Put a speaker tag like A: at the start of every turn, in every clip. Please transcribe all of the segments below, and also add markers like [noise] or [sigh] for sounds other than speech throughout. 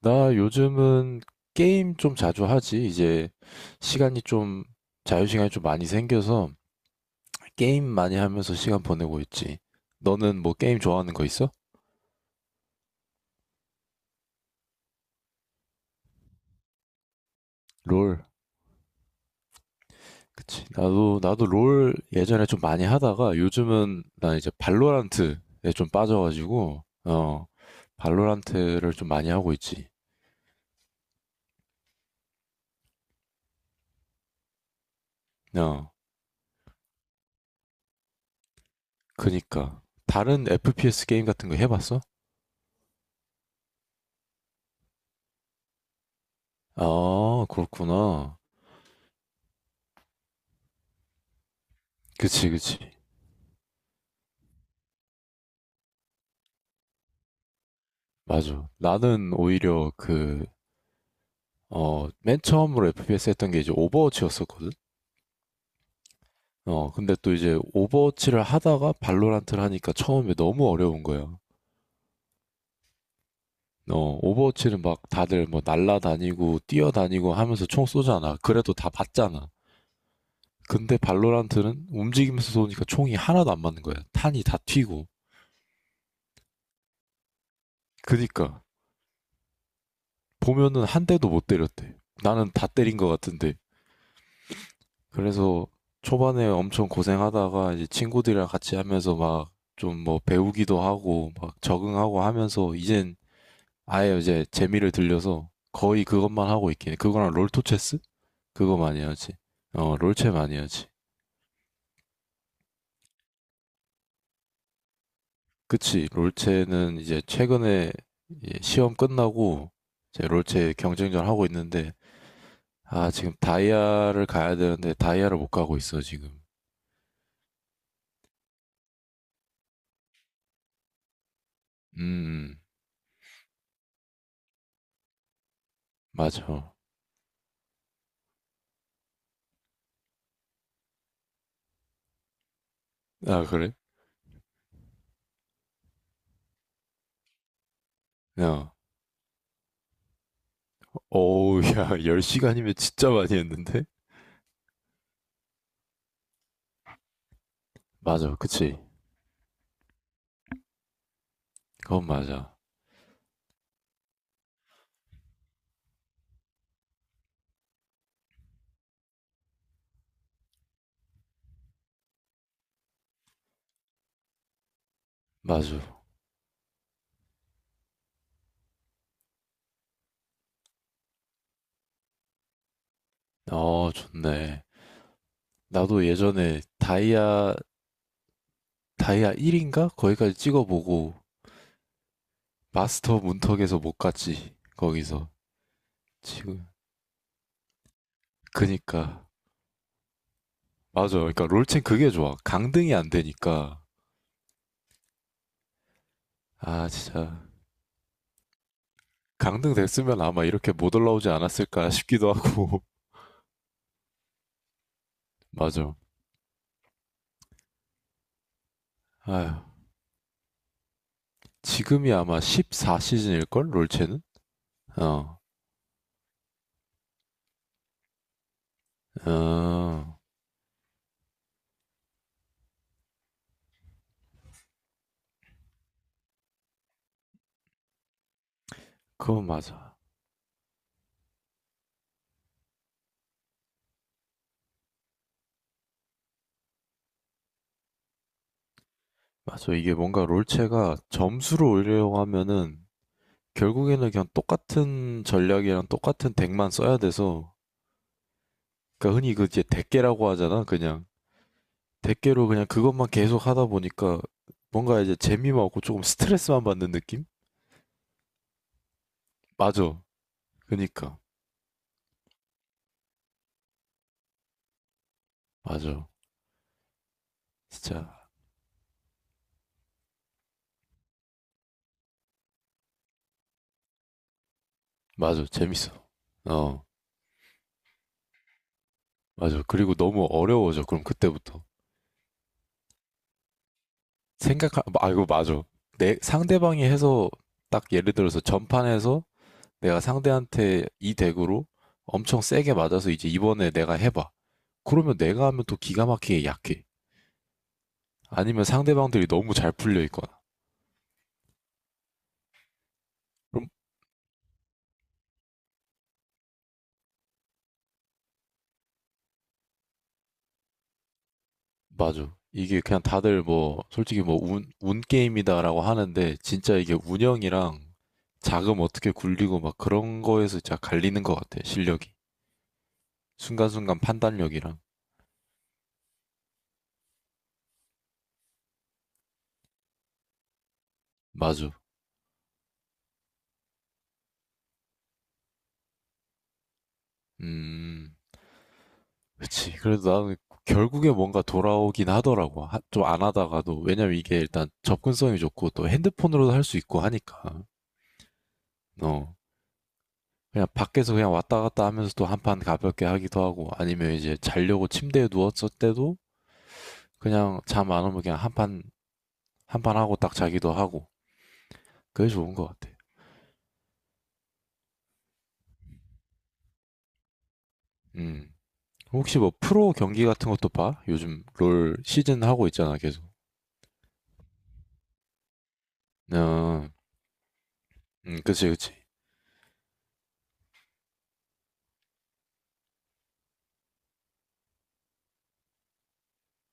A: 나 요즘은 게임 좀 자주 하지. 이제 시간이 좀, 자유시간이 좀 많이 생겨서 게임 많이 하면서 시간 보내고 있지. 너는 뭐 게임 좋아하는 거 있어? 롤. 그치. 나도 롤 예전에 좀 많이 하다가 요즘은 나 이제 발로란트에 좀 빠져가지고, 어, 발로란트를 좀 많이 하고 있지. 어, 그니까. 다른 FPS 게임 같은 거 해봤어? 아, 그렇구나. 그치, 그치. 맞아. 나는 오히려 그, 어, 맨 처음으로 FPS 했던 게 이제 오버워치였었거든? 어, 근데 또 이제 오버워치를 하다가 발로란트를 하니까 처음에 너무 어려운 거야. 어, 오버워치는 막 다들 뭐 날라다니고 뛰어다니고 하면서 총 쏘잖아. 그래도 다 봤잖아. 근데 발로란트는 움직이면서 쏘니까 총이 하나도 안 맞는 거야. 탄이 다 튀고. 그니까 보면은 한 대도 못 때렸대. 나는 다 때린 것 같은데 그래서 초반에 엄청 고생하다가 이제 친구들이랑 같이 하면서 막 좀 뭐 배우기도 하고 막 적응하고 하면서 이젠 아예 이제 재미를 들려서 거의 그것만 하고 있긴 해. 그거랑 롤토체스? 그거 많이 하지. 어, 롤체 많이 하지. 그치. 롤체는 이제 최근에 예, 시험 끝나고 제 롤체 경쟁전 하고 있는데 아, 지금 다이아를 가야 되는데 다이아를 못 가고 있어, 지금. 음, 음, 맞아. 아, 그래? 어. 어우, 야, 10시간이면 진짜 많이 했는데? 맞아, 그치. 그건 맞아. 맞아. 어, 좋네. 나도 예전에 다이아, 다이아 1인가? 거기까지 찍어보고, 마스터 문턱에서 못 갔지. 거기서. 지금. 그니까. 맞아. 그니까 롤챔 그게 좋아. 강등이 안 되니까. 아, 진짜. 강등 됐으면 아마 이렇게 못 올라오지 않았을까 싶기도 하고. [laughs] 맞아. 아휴. 지금이 아마 14시즌일걸? 롤챔은? 어. 아, 그건 맞아. 맞아. 이게 뭔가 롤체가 점수를 올리려고 하면은 결국에는 그냥 똑같은 전략이랑 똑같은 덱만 써야 돼서 그러니까 흔히 그 이제 덱계라고 하잖아. 그냥 덱계로 그냥 그것만 계속 하다 보니까 뭔가 이제 재미만 없고 조금 스트레스만 받는 느낌? 맞아. 그니까. 맞아. 진짜. 맞아. 재밌어. 어. 맞아. 그리고 너무 어려워져. 그럼 그때부터. 아, 이거 맞아. 상대방이 해서, 딱 예를 들어서 전판에서 내가 상대한테 이 덱으로 엄청 세게 맞아서 이제 이번에 내가 해봐. 그러면 내가 하면 또 기가 막히게 약해. 아니면 상대방들이 너무 잘 풀려 있거나. 그럼, 맞아. 이게 그냥 다들 뭐, 솔직히 뭐, 운, 운 게임이다라고 하는데, 진짜 이게 운영이랑 자금 어떻게 굴리고 막 그런 거에서 진짜 갈리는 것 같아, 실력이. 순간순간 판단력이랑. 맞아. 음. 그치. 그래도 나는 결국에 뭔가 돌아오긴 하더라고. 좀 안 하다가도. 왜냐면 이게 일단 접근성이 좋고 또 핸드폰으로도 할 수 있고 하니까. 어. 그냥 밖에서 그냥 왔다 갔다 하면서 또 한판 가볍게 하기도 하고 아니면 이제 자려고 침대에 누웠을 때도 그냥 잠 안 오면 그냥 한 판, 한 판 하고 딱 자기도 하고. 그게 좋은 것 같아. 음. 혹시 뭐 프로 경기 같은 것도 봐? 요즘 롤 시즌 하고 있잖아, 계속. 어, 그치, 그치.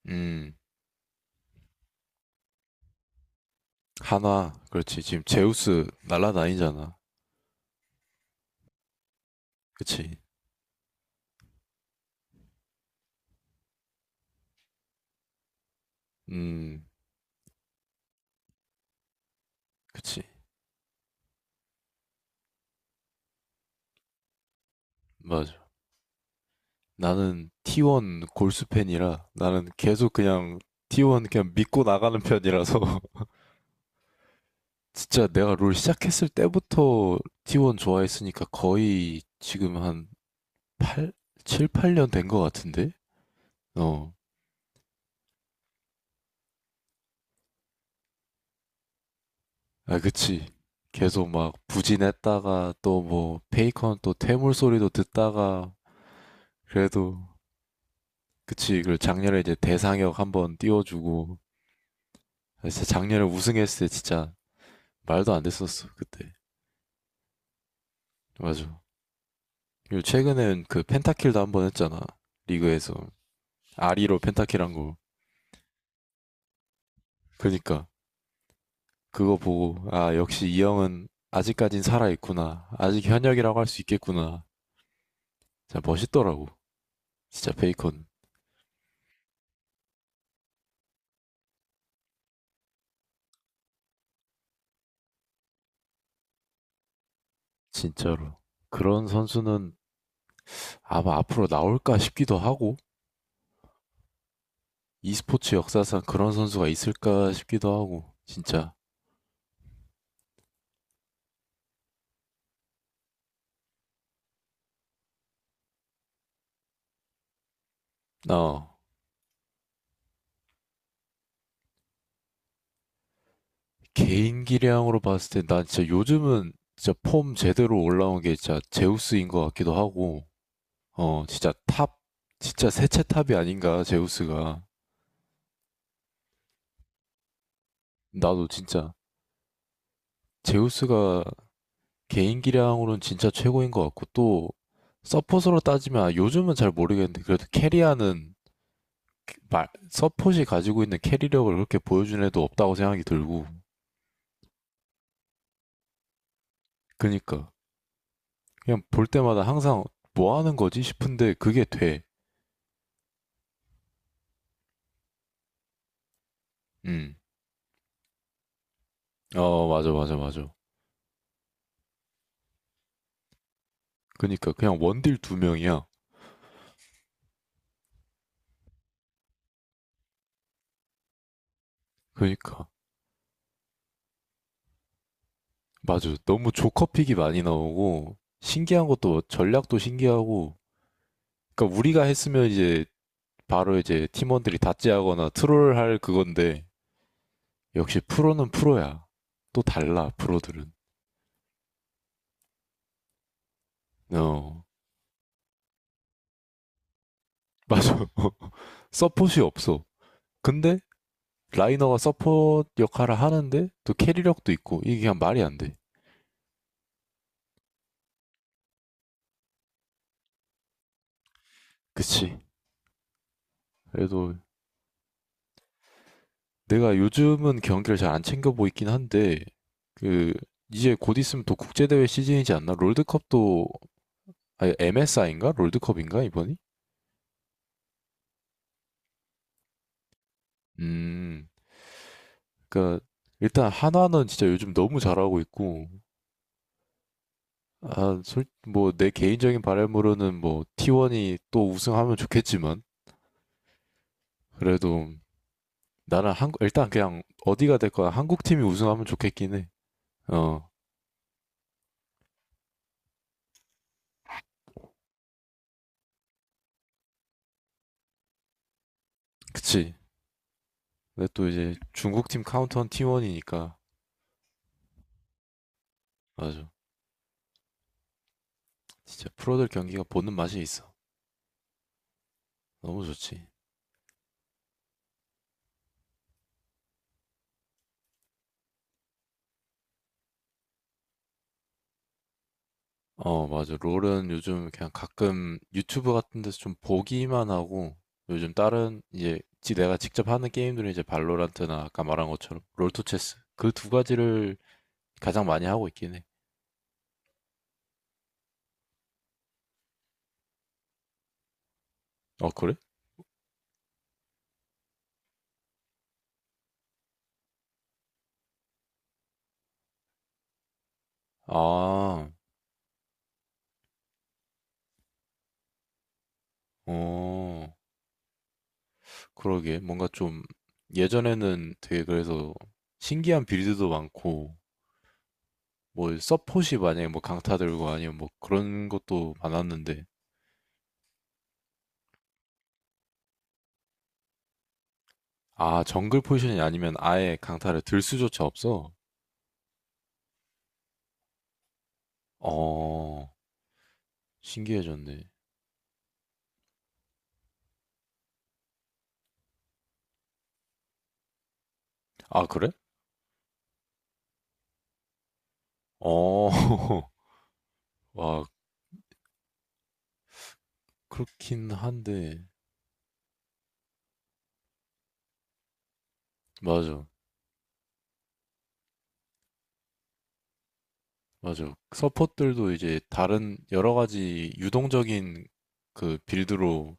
A: 음. 하나, 그렇지. 지금 제우스 날라다니잖아. 그치. 음, 그치. 맞아. 나는 T1 골수 팬이라 나는 계속 그냥 T1 그냥 믿고 나가는 편이라서 [laughs] 진짜 내가 롤 시작했을 때부터 T1 좋아했으니까 거의 지금 한팔 7, 8년 된 거 같은데? 어. 아, 그치. 계속 막 부진했다가 또 뭐 페이컨 또 퇴물 소리도 듣다가 그래도 그치, 그 작년에 이제 대상역 한 번 띄워주고, 진짜 작년에 우승했을 때 진짜 말도 안 됐었어, 그때. 맞아. 그리고 최근엔 그 펜타킬도 한 번 했잖아, 리그에서. 아리로 펜타킬 한 거. 그니까, 그거 보고, 아, 역시 이 형은 아직까진 살아있구나. 아직 현역이라고 할 수 있겠구나. 진짜 멋있더라고. 진짜 베이컨. 진짜로. 그런 선수는 아마 앞으로 나올까 싶기도 하고, e스포츠 역사상 그런 선수가 있을까 싶기도 하고, 진짜. 어. 개인기량으로 봤을 때 난 진짜 요즘은 진짜 폼 제대로 올라온 게 진짜 제우스인 것 같기도 하고 어 진짜 탑 진짜 세체 탑이 아닌가 제우스가 나도 진짜 제우스가 개인기량으로는 진짜 최고인 것 같고 또 서폿으로 따지면 아, 요즘은 잘 모르겠는데 그래도 캐리하는 말 서폿이 가지고 있는 캐리력을 그렇게 보여준 애도 없다고 생각이 들고 그니까 그냥 볼 때마다 항상 뭐 하는 거지 싶은데 그게 돼 음. 어, 맞아, 맞아, 맞아. 그니까, 그냥 원딜 2명이야. 그니까. 맞아. 너무 조커픽이 많이 나오고, 신기한 것도, 뭐 전략도 신기하고, 그니까 우리가 했으면 이제, 바로 이제 팀원들이 다찌하거나 트롤 할 그건데, 역시 프로는 프로야. 또 달라, 프로들은. 어, 맞아. [laughs] 서폿이 없어. 근데, 라이너가 서폿 역할을 하는데, 또 캐리력도 있고, 이게 그냥 말이 안 돼. 그치. 그래도, 내가 요즘은 경기를 잘 안 챙겨 보이긴 한데 그 이제 곧 있으면 또 국제대회 시즌이지 않나? 롤드컵도 아니 MSI인가? 롤드컵인가 이번이? 음, 그러니까 일단 한화는 진짜 요즘 너무 잘하고 있고 아, 솔뭐 내 개인적인 바람으로는 뭐 T1이 또 우승하면 좋겠지만 그래도 나는 한 일단 그냥 어디가 될 거야 한국 팀이 우승하면 좋겠긴 해. 어, 그치. 근데 또 이제 중국 팀 카운터는 T1이니까 맞아. 진짜 프로들 경기가 보는 맛이 있어. 너무 좋지. 어, 맞아. 롤은 요즘 그냥 가끔 유튜브 같은 데서 좀 보기만 하고 요즘 다른 이제 지 내가 직접 하는 게임들은 이제 발로란트나 아까 말한 것처럼 롤토체스 그 두 가지를 가장 많이 하고 있긴 해. 어, 그래? 아, 어, 그러게. 뭔가 좀 예전에는 되게 그래서 신기한 빌드도 많고 뭐 서폿이 만약에 뭐 강타 들고 아니면 뭐 그런 것도 많았는데 아, 정글 포지션이 아니면 아예 강타를 들 수조차 없어? 어, 신기해졌네. 아, 그래? 어, [laughs] 와, 그렇긴 한데, 맞아, 맞아. 서폿들도 이제 다른 여러 가지 유동적인 그 빌드로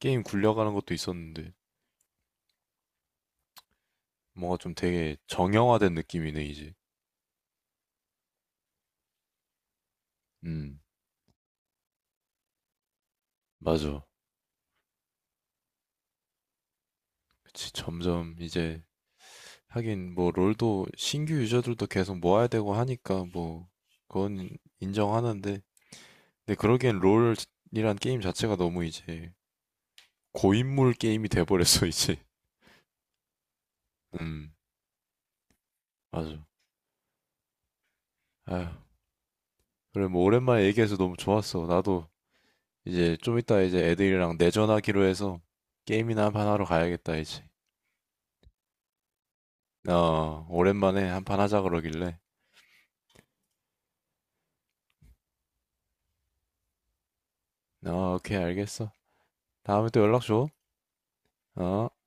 A: 게임 굴려가는 것도 있었는데, 뭔가 좀 되게 정형화된 느낌이네, 이제. 음, 맞아. 그치, 점점 이제 하긴 뭐 롤도 신규 유저들도 계속 모아야 되고 하니까 뭐 그건 인정하는데 근데 그러기엔 롤이란 게임 자체가 너무 이제 고인물 게임이 돼버렸어 [laughs] 이제 음 맞아 아휴 그래 뭐 오랜만에 얘기해서 너무 좋았어 나도 이제 좀 이따 이제 애들이랑 내전하기로 해서 게임이나 한판 하러 가야겠다 이제 어 오랜만에 한판 하자 그러길래 어 오케이 알겠어 다음에 또 연락 줘어